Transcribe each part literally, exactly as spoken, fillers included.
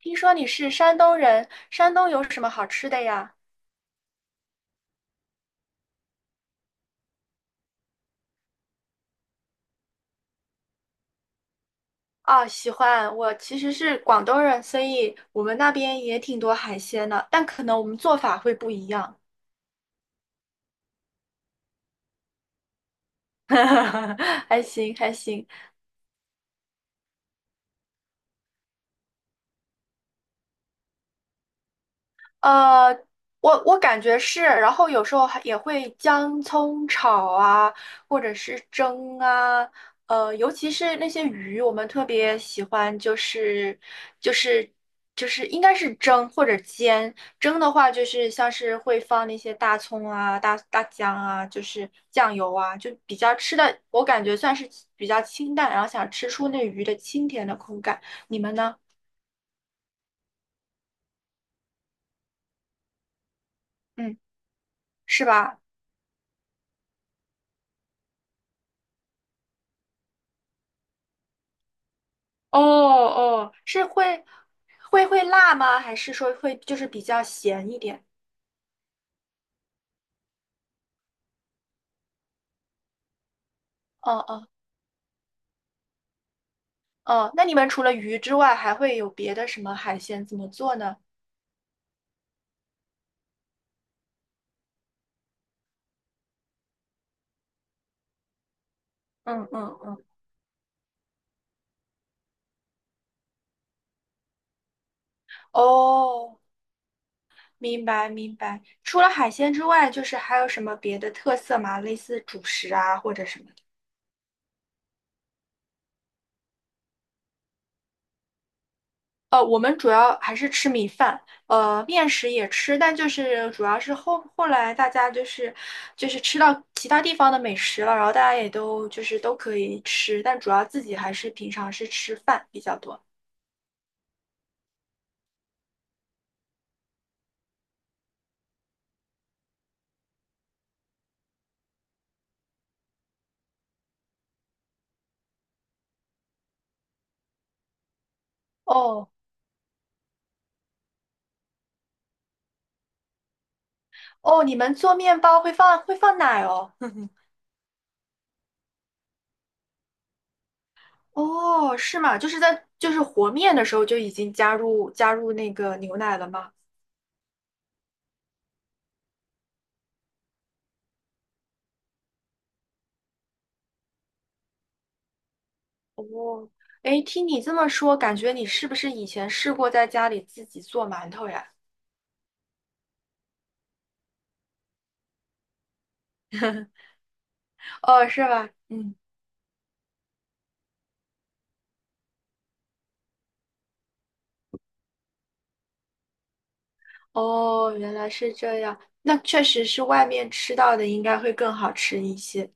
听说你是山东人，山东有什么好吃的呀？啊，喜欢，我其实是广东人，所以我们那边也挺多海鲜的，但可能我们做法会不一样。还行，还行。呃，我我感觉是，然后有时候还也会姜葱炒啊，或者是蒸啊，呃，尤其是那些鱼，我们特别喜欢，就是就是就是应该是蒸或者煎。蒸的话，就是像是会放那些大葱啊、大大姜啊，就是酱油啊，就比较吃的，我感觉算是比较清淡，然后想吃出那鱼的清甜的口感。你们呢？嗯，是吧？哦哦，是会会会辣吗？还是说会就是比较咸一点？哦哦哦，那你们除了鱼之外，还会有别的什么海鲜怎么做呢？嗯嗯嗯，哦，明白明白。除了海鲜之外，就是还有什么别的特色吗？类似主食啊，或者什么？呃，我们主要还是吃米饭，呃，面食也吃，但就是主要是后后来大家就是就是吃到其他地方的美食了，然后大家也都就是都可以吃，但主要自己还是平常是吃饭比较多。哦哦，你们做面包会放会放奶哦？哦，是吗？就是在就是和面的时候就已经加入加入那个牛奶了吗？哦，哎，听你这么说，感觉你是不是以前试过在家里自己做馒头呀？哦，是吧？嗯，哦，原来是这样。那确实是外面吃到的应该会更好吃一些。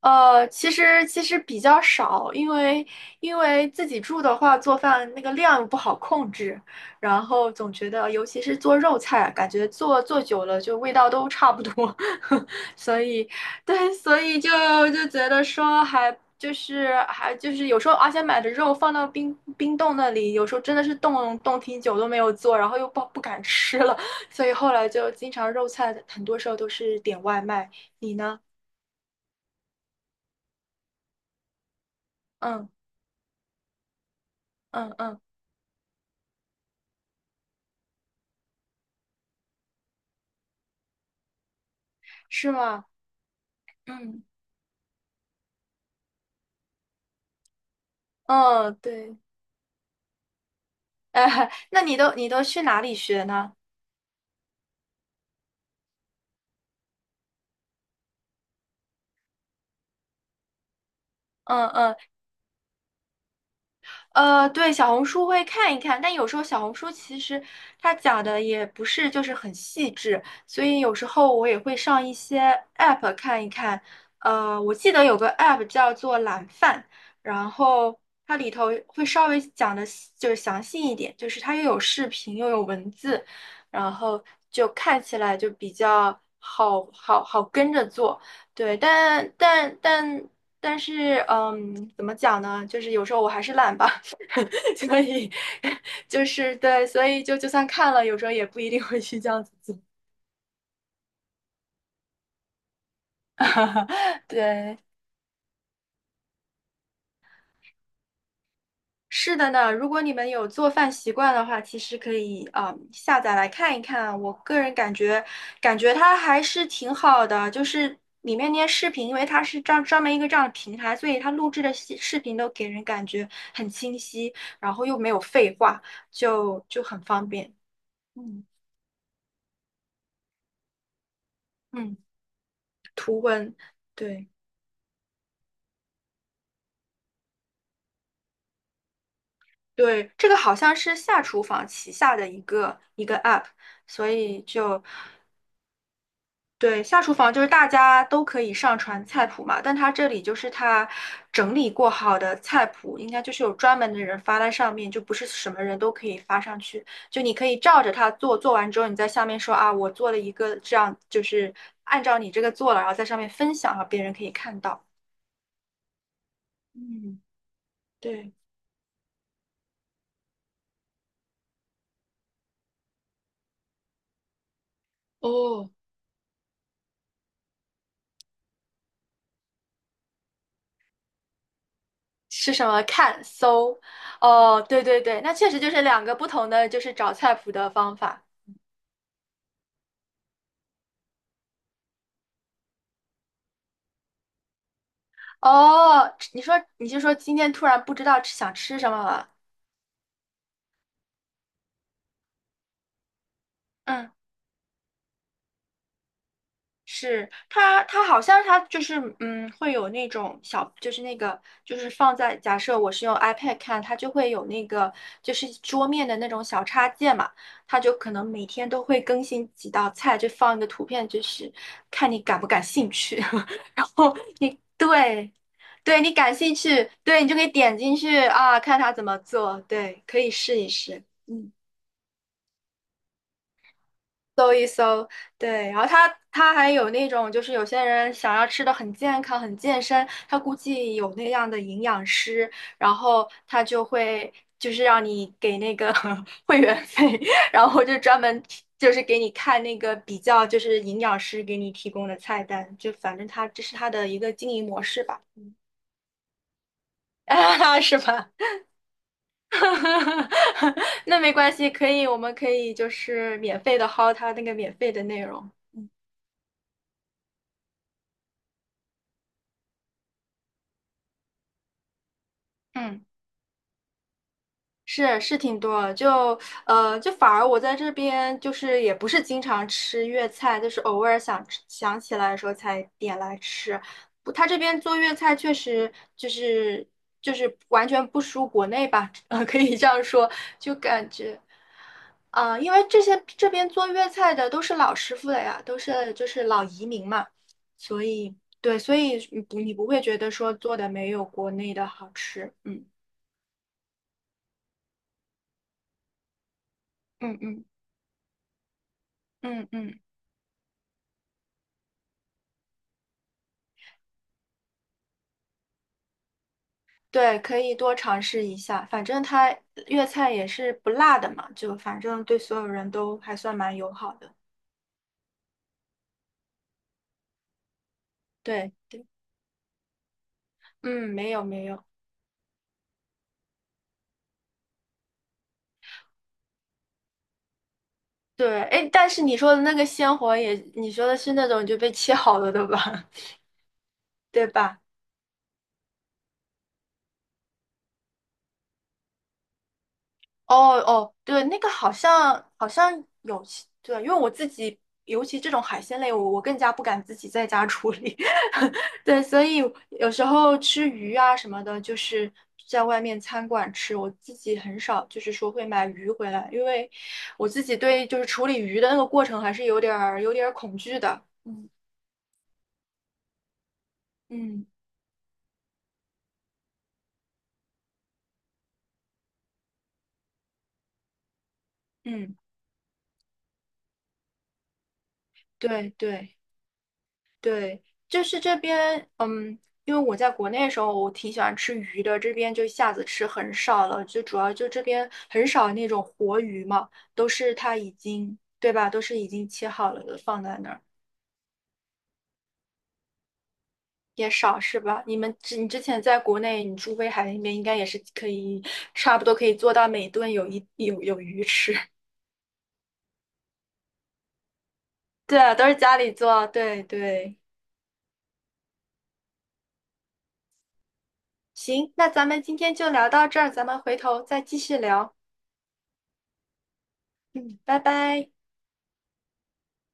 呃，其实其实比较少，因为因为自己住的话，做饭那个量不好控制，然后总觉得，尤其是做肉菜，感觉做做久了就味道都差不多，所以对，所以就就觉得说还就是还就是有时候，而且买的肉放到冰冰冻那里，有时候真的是冻冻挺久都没有做，然后又不不敢吃了，所以后来就经常肉菜很多时候都是点外卖。你呢？嗯嗯嗯。是吗？嗯，哦，对，哎，那你都你都去哪里学呢？嗯嗯呃，对，小红书会看一看，但有时候小红书其实它讲的也不是就是很细致，所以有时候我也会上一些 app 看一看。呃，我记得有个 app 叫做懒饭，然后它里头会稍微讲的就是详细一点，就是它又有视频又有文字，然后就看起来就比较好好好跟着做。对，但但但但是，嗯，怎么讲呢？就是有时候我还是懒吧。所以就是对，所以就就算看了，有时候也不一定会去这样子做。对，是的呢。如果你们有做饭习惯的话，其实可以啊、嗯下载来看一看啊。我个人感觉，感觉它还是挺好的，就是里面那些视频，因为它是专专门一个这样的平台，所以它录制的视视频都给人感觉很清晰，然后又没有废话，就就很方便。嗯嗯，图文，对。对，这个好像是下厨房旗下的一个一个 app，所以就对下厨房就是大家都可以上传菜谱嘛，但它这里就是它整理过好的菜谱，应该就是有专门的人发在上面，就不是什么人都可以发上去，就你可以照着它做，做完之后你在下面说啊，我做了一个这样，就是按照你这个做了，然后在上面分享，让别人可以看到。嗯，对。哦，是什么？看搜，哦，对对对，那确实就是两个不同的，就是找菜谱的方法。哦，你说你就说今天突然不知道吃想吃什么了？嗯，是它，它好像它就是嗯，会有那种小，就是那个就是放在假设我是用 iPad 看，它就会有那个就是桌面的那种小插件嘛，它就可能每天都会更新几道菜，就放一个图片，就是看你感不感兴趣。然后对，对你感兴趣，对你就可以点进去啊，看他怎么做，对，可以试一试，嗯，搜一搜，对，然后他他还有那种就是有些人想要吃的很健康、很健身，他估计有那样的营养师，然后他就会就是让你给那个 会员费，然后就专门就是给你看那个比较就是营养师给你提供的菜单，就反正他这是他的一个经营模式吧，啊，是吧？那没关系，可以，我们可以就是免费的薅他那个免费的内容。嗯嗯。是是挺多的就呃，就反而我在这边就是也不是经常吃粤菜，就是偶尔想吃想起来的时候才点来吃。不，他这边做粤菜确实就是就是完全不输国内吧，呃，可以这样说，就感觉啊、呃因为这些这边做粤菜的都是老师傅了呀，都是就是老移民嘛，所以对，所以你不你不会觉得说做的没有国内的好吃，嗯嗯嗯嗯嗯。对，可以多尝试一下，反正它粤菜也是不辣的嘛，就反正对所有人都还算蛮友好的。对对，嗯，没有没有，对，哎，但是你说的那个鲜活也，你说的是那种就被切好了的吧？对吧？哦哦，对，那个好像好像有其对，因为我自己，尤其这种海鲜类，我我更加不敢自己在家处理，对，所以有时候吃鱼啊什么的，就是在外面餐馆吃，我自己很少，就是说会买鱼回来，因为我自己对就是处理鱼的那个过程还是有点儿有点儿恐惧的，嗯嗯嗯，对对。对，就是这边，嗯，因为我在国内的时候，我挺喜欢吃鱼的，这边就一下子吃很少了，就主要就这边很少那种活鱼嘛，都是它已经，对吧？都是已经切好了的，放在那儿也少是吧？你们之你之前在国内，你住威海那边应该也是可以，差不多可以做到每顿有一有有鱼吃。对啊，都是家里做，对对。行，那咱们今天就聊到这儿，咱们回头再继续聊。嗯，拜拜。